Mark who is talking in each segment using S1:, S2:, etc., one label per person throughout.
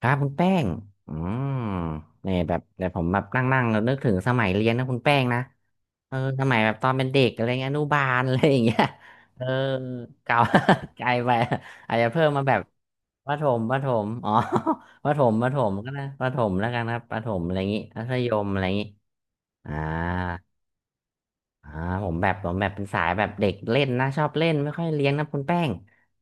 S1: ครับคุณแป้งอืมเนี่ยแบบแต่ผมแบบนั่งๆแล้วนึกถึงสมัยเรียนนะคุณแป้งนะเออสมัยแบบตอนเป็นเด็กอะไรเงี้ยอนุบาล อะไรอย่างเงี้ยเออเก่า ไกลไปอาจจะเพิ่มมาแบบประถมอ๋อ ประถมก็นะประถมแล้วกันครับประถมอะไรอย่างงี้มัธยมอะไรอย่างงี้อ่า อ่าผมแบบผมแบบเป็นสายแบบเด็กเล่นนะชอบเล่นไม่ค่อยเลี้ยงนะคุณแป้ง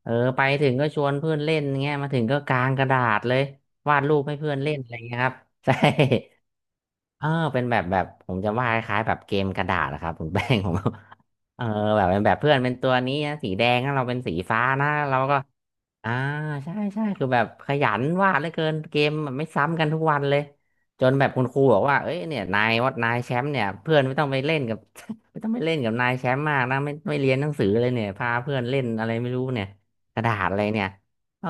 S1: เออไปถึงก็ชวนเพื่อนเล่นเงี้ยมาถึงก็กางกระดาษเลยวาดรูปให้เพื่อนเล่นอะไรเงี้ยครับ ใช่เออเป็นแบบผมจะวาดคล้ายๆแบบเกมกระดาษนะครับคุณ แป้งผม เออแบบเป็นแบบเพื่อนเป็นตัวนี้นะสีแดงนะเราเป็นสีฟ้านะเราก็ อ่าใช่ใช่คือแบบขยันวาดเหลือเกินเกมแบบไม่ซ้ำกันทุกวันเลยจนแบบคุณครูบอกว่าเอ้ยเนี่ยนายว่านายแชมป์เนี่ยเพื่อนไม่ต้องไปเล่นกับ ไม่ต้องไปเล่นกับนายแชมป์มากนะไม่เรียนหนังสือเลยเนี่ยพาเพื่อนเล่นอะไรไม่รู้เนี่ยกระดาษอะไรเนี่ยเออ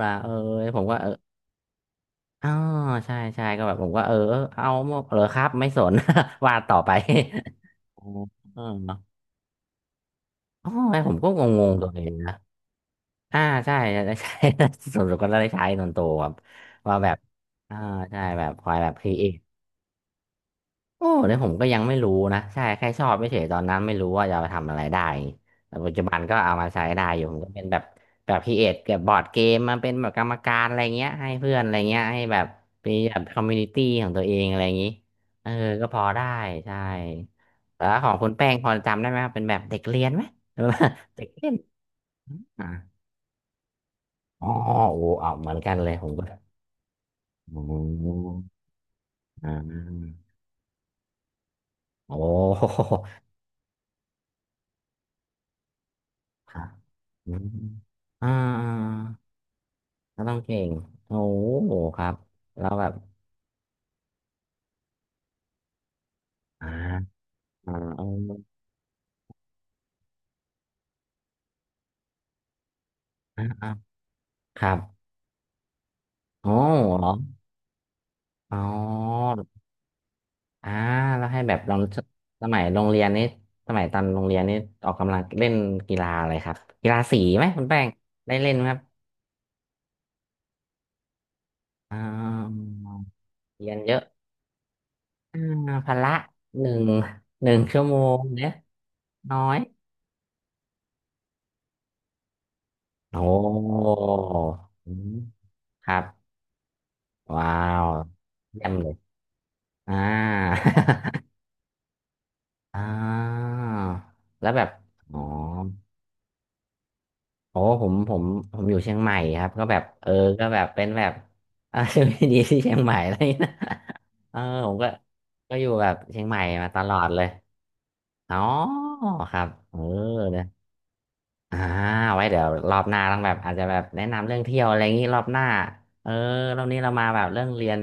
S1: ล่ะเออผมก็เอออ๋อใช่ใช่ก็แบบผมก็เออเอาเหรอครับไม่สน วาดต่อไป อ๋อ อ๋อผมก็งงๆตัวเองนะ อ่าใช่จะได้ใช้ ส่วนสุดก็ได้ใช้ตอนโตครับว่าแบบอ่าใช่แบบคอยแบบครีเอทโอ้แล้วผมก็ยังไม่รู้นะใช่แค่ชอบไม่เฉยๆตอนนั้นไม่รู้ว่าจะเอาไปทำอะไรได้แต่ปัจจุบันก็เอามาใช้ได้อยู่ผมก็เป็นแบบครีเอทกับบอร์ดเกมมาเป็นแบบกรรมการอะไรเงี้ยให้เพื่อนอะไรเงี้ยให้แบบมีแบบคอมมูนิตี้ของตัวเองอะไรอย่างนี้เออก็พอได้ใช่แล้วของคุณแป้งพอจำได้ไหมครับเป็นแบบเด็กเรียนไหมหรือว่า เด็กเล่นอ่า อ๋อโอ้อ่ะเหมือนกันเลยผมก็อืมอ่าโอ้ ครับอืมอ่าก็ต้องเก่งโอ้โหครับแล้วแบบอ่าอ่าเอาอ่าครับโอ้เหรออ๋ออ่าแล้วให้แบบลองสมัยโรงเรียนนี่สมัยตอนโรงเรียนนี่ออกกำลังเล่นกีฬาอะไรครับกีฬาสีไหมคุณแป้งได้เล่นไหมครับอ่าเรียนเยอะ อ่าพละหนึ่งหนึ่งชั่วโมงเนี่ยน้อยโอ้อืมครับว้าวเยี่ยมเลยอ่า อ่าแล้วแบบอ๋อโอ้ผมอยู่เชียงใหม่ครับก็แบบเออก็แบบเป็นแบบ เออชีวิตดีที่เชียงใหม่อะไรอย่างเงี้ยนะ เออผมก็ก็อยู่แบบเชียงใหม่มาตลอดเลยอ๋อครับเออ อ่าไว้เดี๋ยวรอบหน้าต้องแบบอาจจะแบบแนะนำเรื่องเที่ยวอะไรอย่างงี้รอบหน้าเออรอบนี้เรามาแบบเรื่องเรียน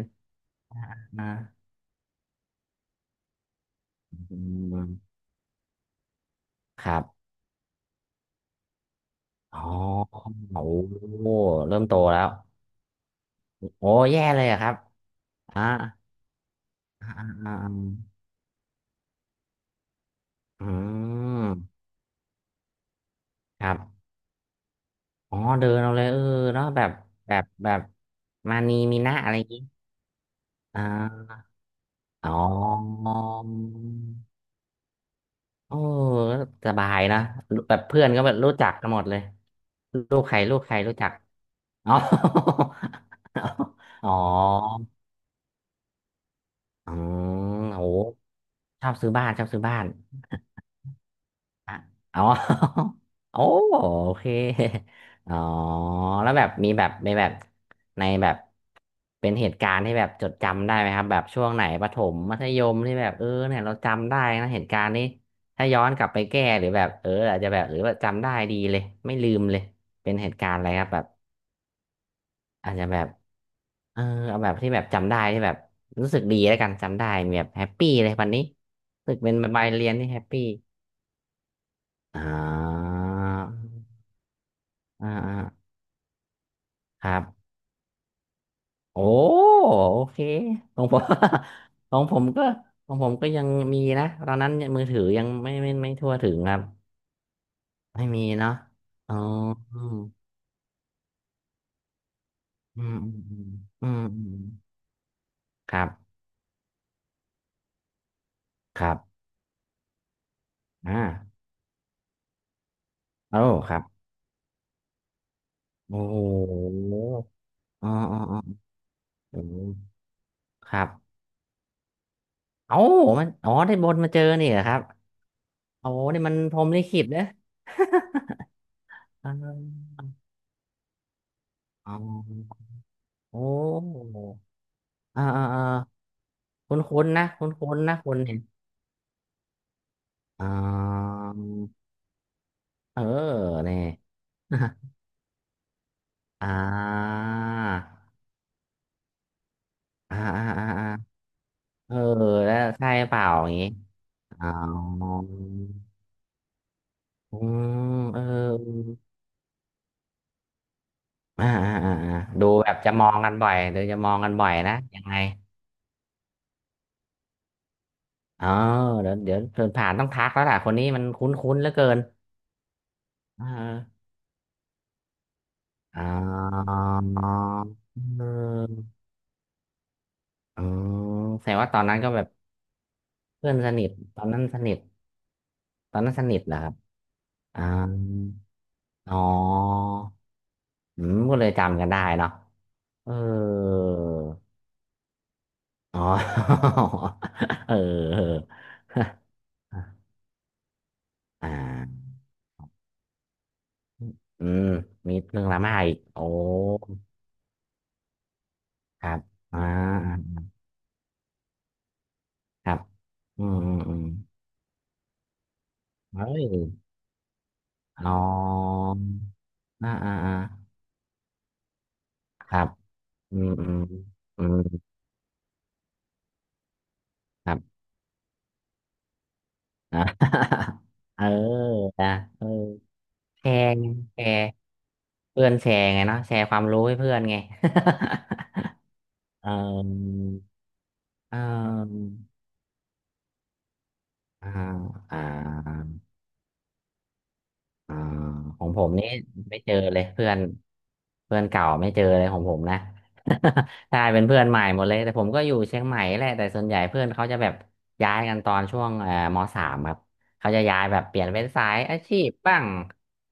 S1: นะอืมครับอ๋อโอ้โหเริ่มโตแล้วโอ้แย่เลยอะครับอ่าอ่าอาอืมครับอ๋อเดินเอาเลยเออเนาะแบบมานีมีนะอะไรอย่างงี้อ่าอ๋อ โอ้สบายนะแบบเพื่อนก็แบบรู้จักกันหมดเลยลูกใครลูกใครรู้จักอ๋อ อ๋ออ๋อโหชอบซื้อบ้านชอบซื้อบ้าน อ่ะอ๋อ โอ้โอเคอ๋อแล้วแบบมีแบบในแบบเป็นเหตุการณ์ที่แบบจดจำได้ไหมครับแบบช่วงไหนประถมมัธยมที่แบบเออเนี่ยเราจำได้นะเหตุการณ์นี้ถ้าย้อนกลับไปแก้หรือแบบเอออาจจะแบบหรือว่าจำได้ดีเลยไม่ลืมเลยเป็นเหตุการณ์อะไรครับแบบอาจจะแบบเออเอาแบบที่แบบจำได้ที่แบบรู้สึกดีแล้วกันจำได้มีแบบแฮปปี้เลยวันนี้รู้สึกเป็นใบายเรียนที่แฮปปี้อ่า อ่าอ่าครับโอ้โอเคของผม ของผมก็ของผมก็ยังมีนะตอนนั้นมือถือยังไม่ทั่วถึงครับไม่มีเนาะอ๋ออืมอืมอืมอืมอืมครับครับอ่าโอ้ครับโอ้โหอ๋อโอ้ครับเอ้ามันอ๋อได้บนมาเจอนี่เหรอครับโอ้นี่มันพรหมลิขิตเนอะ อ๋ออ๋อโอ้อ่าอ่าอ่า คุ้นๆนะคุ้นๆนะคนเนี่ยอ่าเออเนี่ย อ่าอ่าเออแล้วใช่เปล่าอย่างงี้อ๋ออืมเอออ่าดูแบบจะมองกันบ่อยเดี๋ยวจะมองกันบ่อยนะยังไงอ๋อเดี๋ยวเดี๋ยวเดินผ่านต้องทักแล้วล่ะคนนี้มันคุ้นๆเหลือเกินเอออ๋อเอออ๋อแสดงว่าตอนนั้นก็แบบ เพื่อนสนิทตอนนั้นสนิทตอนนั้นสนิทเหรอครับอ่าอ๋ออืมก็เลยจำกันได้เนาะเอออ๋อ เออ เอออ่าอืมมีเรื่องดราม่าอีกโอ้ครับอ่าครับอืมอืมอืมเฮ้ยอ๋ออ่าอ่าอ่าครับอืมอืมอืมครับ อ่า เออนะเออ แชร์ไงแชร์เพื่อนแชร์ไงเนาะแชร์ความรู้ให้เพื่อนไง เออเอออ่าอ่า อ่าของผมนี่ไม่เจอเลยเพื่อนเพื่อนเก่าไม่เจอเลยของผมนะ ใช่เป็นเพื่อนใหม่หมดเลยแต่ผมก็อยู่เชียงใหม่แหละแต่ส่วนใหญ่เพื่อนเขาจะแบบย้ายกันตอนช่วงมสามครับเขาจะย้ายแบบเปลี่ยนเป็นสายอาชีพบ้าง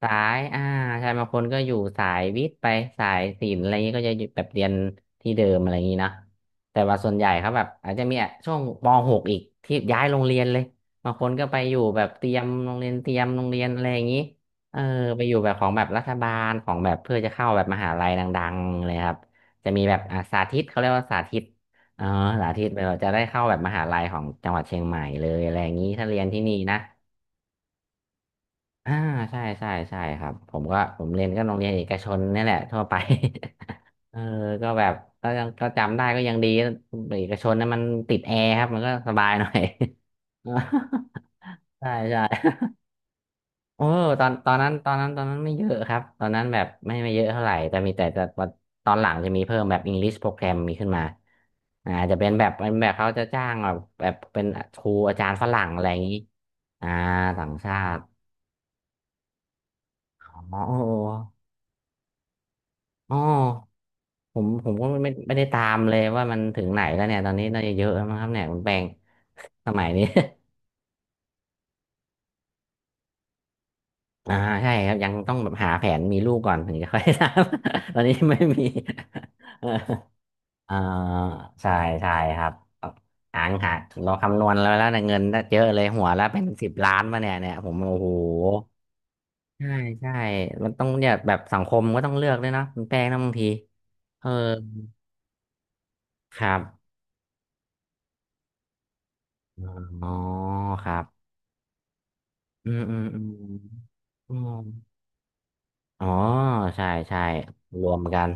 S1: สายอ่าใช่บางคนก็อยู่สายวิทย์ไปสายศิลป์อะไรอย่างนี้ก็จะอยู่แบบเรียนที่เดิมอะไรอย่างนี้เนาะแต่ว่าส่วนใหญ่เขาแบบอาจจะมีอ่ะช่วงปหกอีกที่ย้ายโรงเรียนเลยบางคนก็ไปอยู่แบบเตรียมโรงเรียนเตรียมโรงเรียนอะไรอย่างนี้ เออไปอยู่แบบของแบบรัฐบาลของแบบเพื่อจะเข้าแบบมหาลัยดังๆเลยครับจะมีแบบอ่าสาธิตเขาเรียกว่าสาธิตเออสาธิตแบบว่าจะได้เข้าแบบมหาลัยของจังหวัดเชียงใหม่เลยอะไรอย่างนี้ถ้าเรียนที่นี่นะอ่าใช่ใช่ใช่ครับผมก็ผมเรียนก็โรงเรียนเอกชนนี่แหละทั่วไป เออก็แบบก็ยังก็จำได้ก็ยังดีเอกชนนั้นมันติดแอร์ครับมันก็สบายหน่อย ใช่ใช่ เออตอนตอนนั้นตอนนั้นตอนนั้นไม่เยอะครับตอนนั้นแบบไม่เยอะเท่าไหร่แต่มีแต่แต่ตอนหลังจะมีเพิ่มแบบ English โปรแกรมมีขึ้นมาอ่าจะเป็นแบบเป็นแบบเขาจะจ้างแบบแบบเป็นครูอาจารย์ฝรั่งอะไรอย่างนี้อ่าต่างชาติอ๋อเอออ๋อผมผมก็ไม่ได้ตามเลยว่ามันถึงไหนแล้วเนี่ยตอนนี้น่าจะเยอะแล้วมั้งครับเนี่ยคุณแปงสมัยนี้ อ่าใช่ครับยังต้องแบบหาแผนมีลูกก่อนถึงจะค่อยทำ ตอนนี้ไม่มี อ่าใช่ใช่ครับแบบหางหาเราคำนวณแล้วนะเงินน่ะเยอะเลยหัวแล้วเป็นสิบล้านมาเนี่ยเนี่ยผมโอ้โหใช่ใช่มันต้องเนี่ยแบบสังคมก็ต้องเลือกด้วยเนาะคุณแป้งนะบางทีเออครับอ๋อครับอืมอืมอืมอืมอ๋อใช่ใช่รวมกัน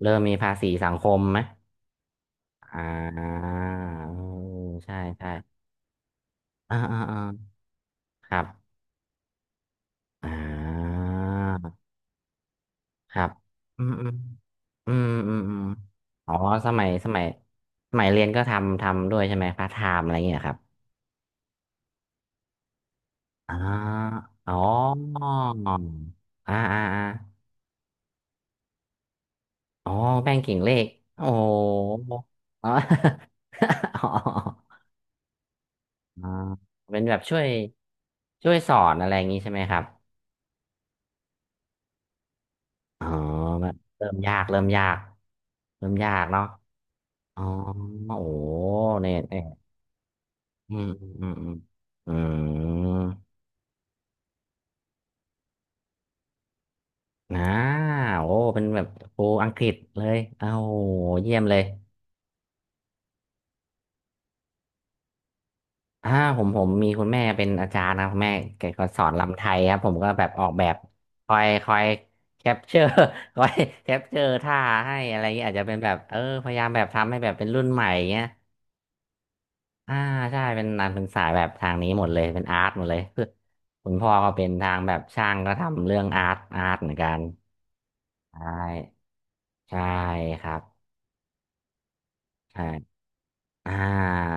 S1: เริ่มมีภาษีสังคมไหมอ่าเออใช่ใช่อ่าอ่าอ่าครับอ่า ครับ อืมอืมอืมอืมอืมอ๋อสมัยสมัยสมัยเรียนก็ทำทำด้วยใช่ไหมพาร์ทไทม์อะไรเงี้ยครับอ่าอ๋ออ่าอ่าอ่าอ๋อแป้งกิ่งเลขโอ้โหอ๋อ อ๋อ อ๋อเป็นแบบช่วยช่วยสอนอะไรอย่างงี้ใช่ไหมครับอ๋อแบบเริ่มยากเริ่มยากเริ่มยากเนาะอ๋อโอ้โหเนี่ยเนี่ยอืมอืมอืมอืมอืม อ่าโอ้เป็นแบบครูอังกฤษเลยเอ้าโหเยี่ยมเลยอ่าผมผมมีคุณแม่เป็นอาจารย์นะคุณแม่แกก็สอนรำไทยครับผมก็แบบออกแบบคอยคอยแค ปเจอร์ คอยแคปเจอร์ท่าให้อะไรอย่างเงี้ยอาจจะเป็นแบบเออพยายามแบบทำให้แบบเป็นรุ่นใหม่เงี้ยอ่าใช่เป็นนันเป็นสายแบบทางนี้หมดเลยเป็นอาร์ตหมดเลยคือคุณพ่อก็เป็นทางแบบช่างก็ทำเรื่องอาร์ตเหมือนกันใช่ใช่ครับใช่ อ่า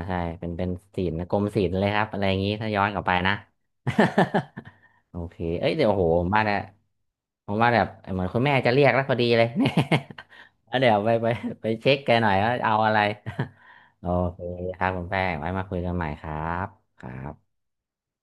S1: ใช่เป็นเป็นศีลนะกรมศีลเลยครับอะไรอย่างนี้ถ้าย้อนกลับไปนะ โอเคเอ้ยเดี๋ยวโอ้โหผมว่าเนี่ยผมว่าแบบเหมือนคุณแม่จะเรียกแล้วพอดีเลย เนี่ยแล้วเดี๋ยวไปไปเช็คแกหน่อยว่าเอาอะไร โอเคครับคุณแป้งไว้มาคุยกันใหม่ครับครับ